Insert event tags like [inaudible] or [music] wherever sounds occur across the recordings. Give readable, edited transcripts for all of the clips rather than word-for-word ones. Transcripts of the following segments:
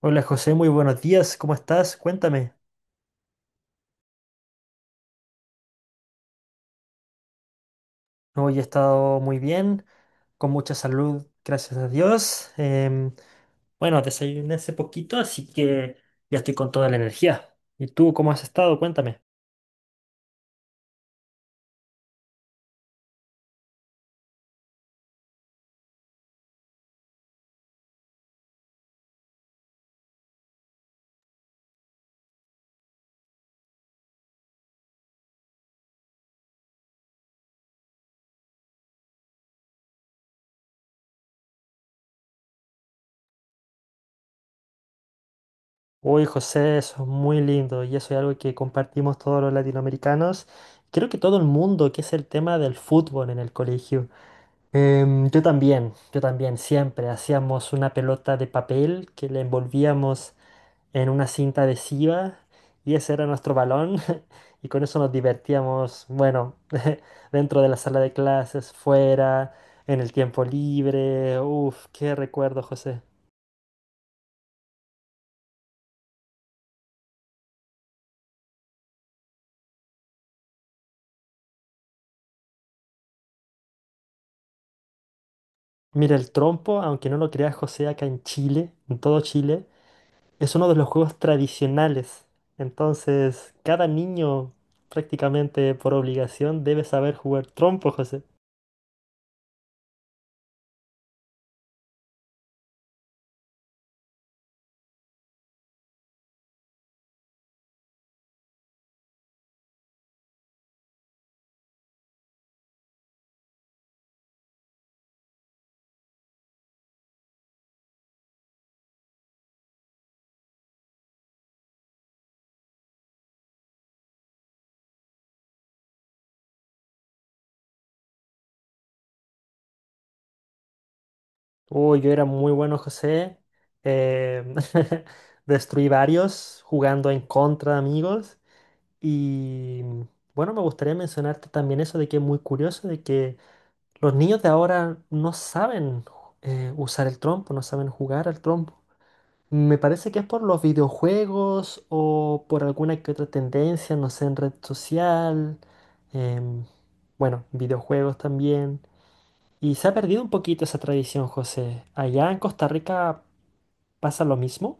Hola José, muy buenos días, ¿cómo estás? Cuéntame. Hoy he estado muy bien, con mucha salud, gracias a Dios. Bueno, desayuné hace poquito, así que ya estoy con toda la energía. ¿Y tú cómo has estado? Cuéntame. Uy, José, eso es muy lindo y eso es algo que compartimos todos los latinoamericanos. Creo que todo el mundo, que es el tema del fútbol en el colegio. Yo también, siempre hacíamos una pelota de papel que le envolvíamos en una cinta adhesiva y ese era nuestro balón [laughs] y con eso nos divertíamos, bueno, [laughs] dentro de la sala de clases, fuera, en el tiempo libre. Uf, qué recuerdo, José. Mira, el trompo, aunque no lo creas, José, acá en Chile, en todo Chile, es uno de los juegos tradicionales. Entonces, cada niño prácticamente por obligación debe saber jugar trompo, José. Uy, yo era muy bueno, José. em, [laughs] Destruí varios jugando en contra de amigos. Y mm, bueno, me gustaría mencionarte también eso de que es muy curioso, de que los niños de ahora no saben usar el trompo, no saben jugar al trompo. Me parece que es por los videojuegos o por alguna que otra tendencia, no sé, en red social. em, bueno, videojuegos también. Y se ha perdido un poquito esa tradición, José. ¿Allá en Costa Rica pasa lo mismo?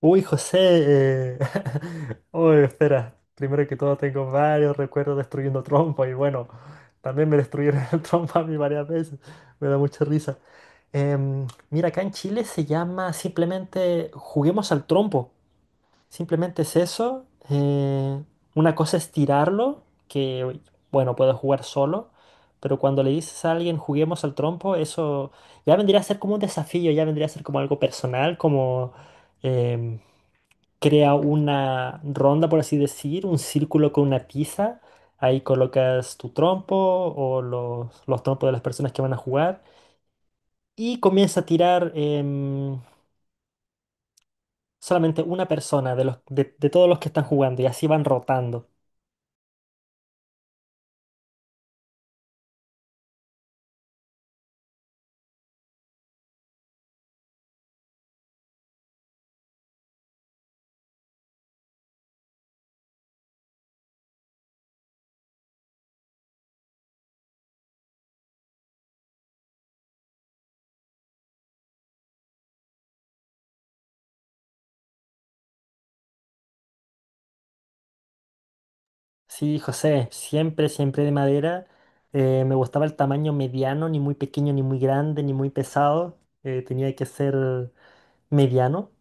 Uy, José. eh, [laughs] Uy, espera. Primero que todo, tengo varios recuerdos destruyendo trompo y bueno, también me destruyeron [laughs] el trompo a mí varias veces. Me da mucha risa. Mira, acá en Chile se llama simplemente juguemos al trompo. Simplemente es eso. Una cosa es tirarlo, que bueno, puedo jugar solo, pero cuando le dices a alguien juguemos al trompo, eso ya vendría a ser como un desafío, ya vendría a ser como algo personal, como em, crea una ronda, por así decir, un círculo con una tiza. Ahí colocas tu trompo o los trompos de las personas que van a jugar y comienza a tirar em, solamente una persona de todos los que están jugando y así van rotando. Sí, José, siempre, siempre de madera. Me gustaba el tamaño mediano, ni muy pequeño, ni muy grande, ni muy pesado. Tenía que ser mediano.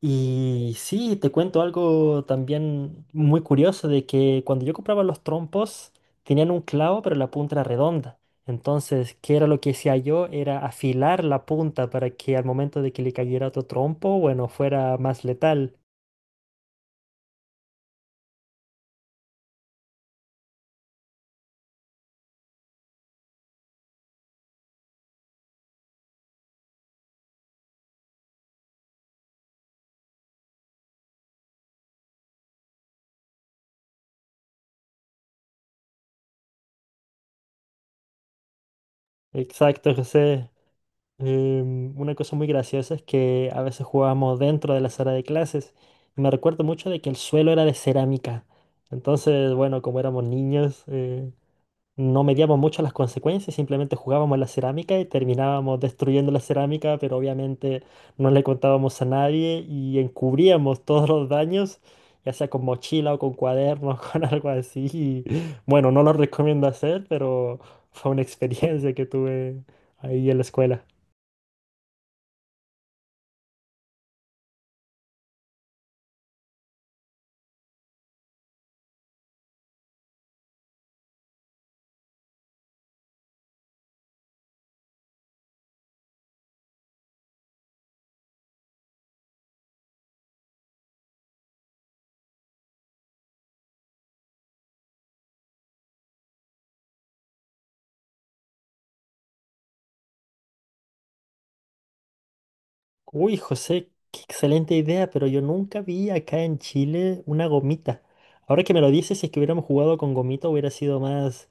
Y sí, te cuento algo también muy curioso de que cuando yo compraba los trompos, tenían un clavo, pero la punta era redonda. Entonces, ¿qué era lo que hacía yo? Era afilar la punta para que al momento de que le cayera otro trompo, bueno, fuera más letal. Exacto, José. Una cosa muy graciosa es que a veces jugábamos dentro de la sala de clases. Me recuerdo mucho de que el suelo era de cerámica. Entonces, bueno, como éramos niños, no medíamos mucho las consecuencias, simplemente jugábamos la cerámica y terminábamos destruyendo la cerámica, pero obviamente no le contábamos a nadie y encubríamos todos los daños, ya sea con mochila o con cuadernos, [laughs] con algo así. Y, bueno, no lo recomiendo hacer, pero fue una experiencia que tuve ahí en la escuela. Uy, José, qué excelente idea, pero yo nunca vi acá en Chile una gomita. Ahora que me lo dices, si es que hubiéramos jugado con gomita hubiera sido más,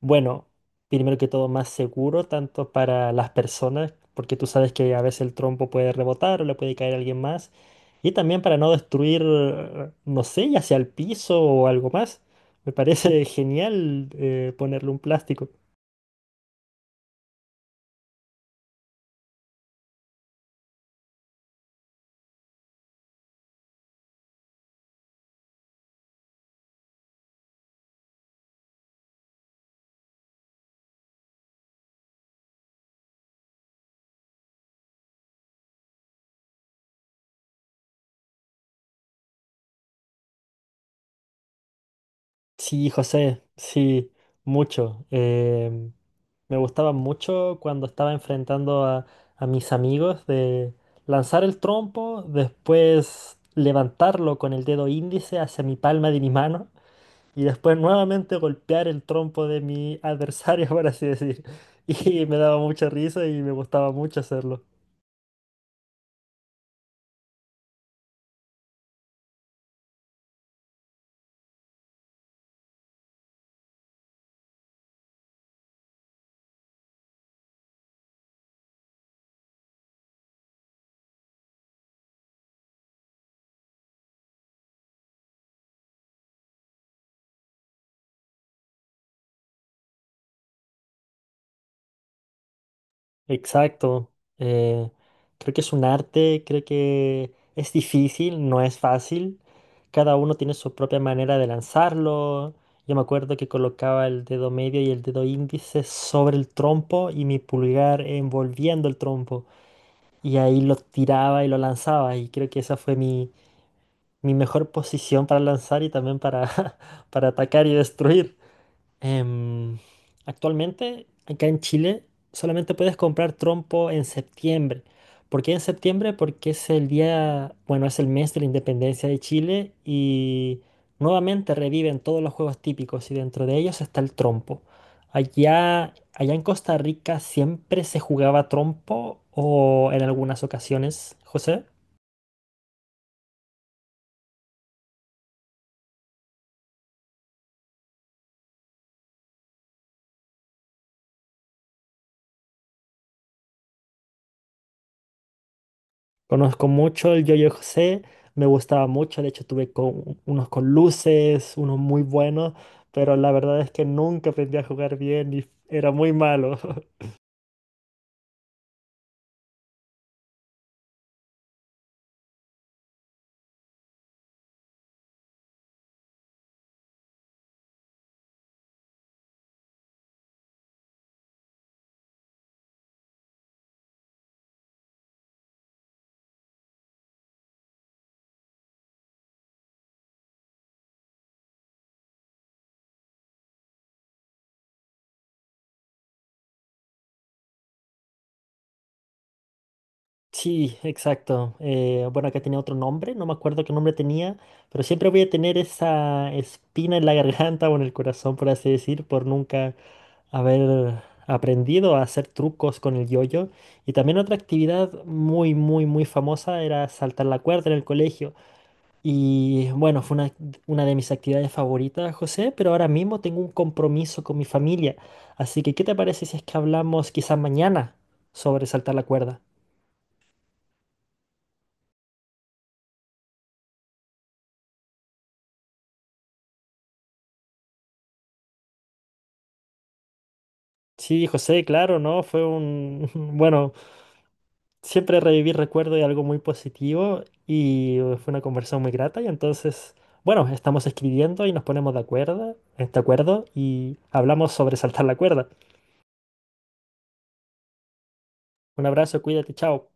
bueno, primero que todo más seguro, tanto para las personas, porque tú sabes que a veces el trompo puede rebotar o le puede caer a alguien más, y también para no destruir, no sé, ya sea el piso o algo más. Me parece [laughs] genial ponerle un plástico. Sí, José, sí, mucho. Me gustaba mucho cuando estaba enfrentando a mis amigos de lanzar el trompo, después levantarlo con el dedo índice hacia mi palma de mi mano y después nuevamente golpear el trompo de mi adversario, [laughs] por así decir. Y me daba mucha risa y me gustaba mucho hacerlo. Exacto. eh, Creo que es un arte, creo que es difícil, no es fácil. Cada uno tiene su propia manera de lanzarlo. Yo me acuerdo que colocaba el dedo medio y el dedo índice sobre el trompo y mi pulgar envolviendo el trompo. Y ahí lo tiraba y lo lanzaba. Y creo que esa fue mi mejor posición para lanzar y también para, [laughs] para atacar y destruir. Em, Actualmente, acá en Chile, solamente puedes comprar trompo en septiembre. ¿Por qué en septiembre? Porque es el día, bueno, es el mes de la independencia de Chile y nuevamente reviven todos los juegos típicos y dentro de ellos está el trompo. Allá en Costa Rica siempre se jugaba trompo o en algunas ocasiones, José. Conozco mucho el yo-yo José, me gustaba mucho, de hecho tuve con, unos con luces, unos muy buenos, pero la verdad es que nunca aprendí a jugar bien y era muy malo. [laughs] Sí, exacto. Bueno, que tenía otro nombre, no me acuerdo qué nombre tenía, pero siempre voy a tener esa espina en la garganta o en el corazón, por así decir, por nunca haber aprendido a hacer trucos con el yo-yo. Y también otra actividad muy, muy, muy famosa era saltar la cuerda en el colegio. Y bueno, una de mis actividades favoritas, José, pero ahora mismo tengo un compromiso con mi familia. Así que, ¿qué te parece si es que hablamos quizás mañana sobre saltar la cuerda? Sí, José, claro, ¿no? Fue un... [laughs] Bueno, siempre revivir recuerdo de algo muy positivo y fue una conversación muy grata y entonces, bueno, estamos escribiendo y nos ponemos de acuerdo y hablamos sobre saltar la cuerda. Un abrazo, cuídate, chao.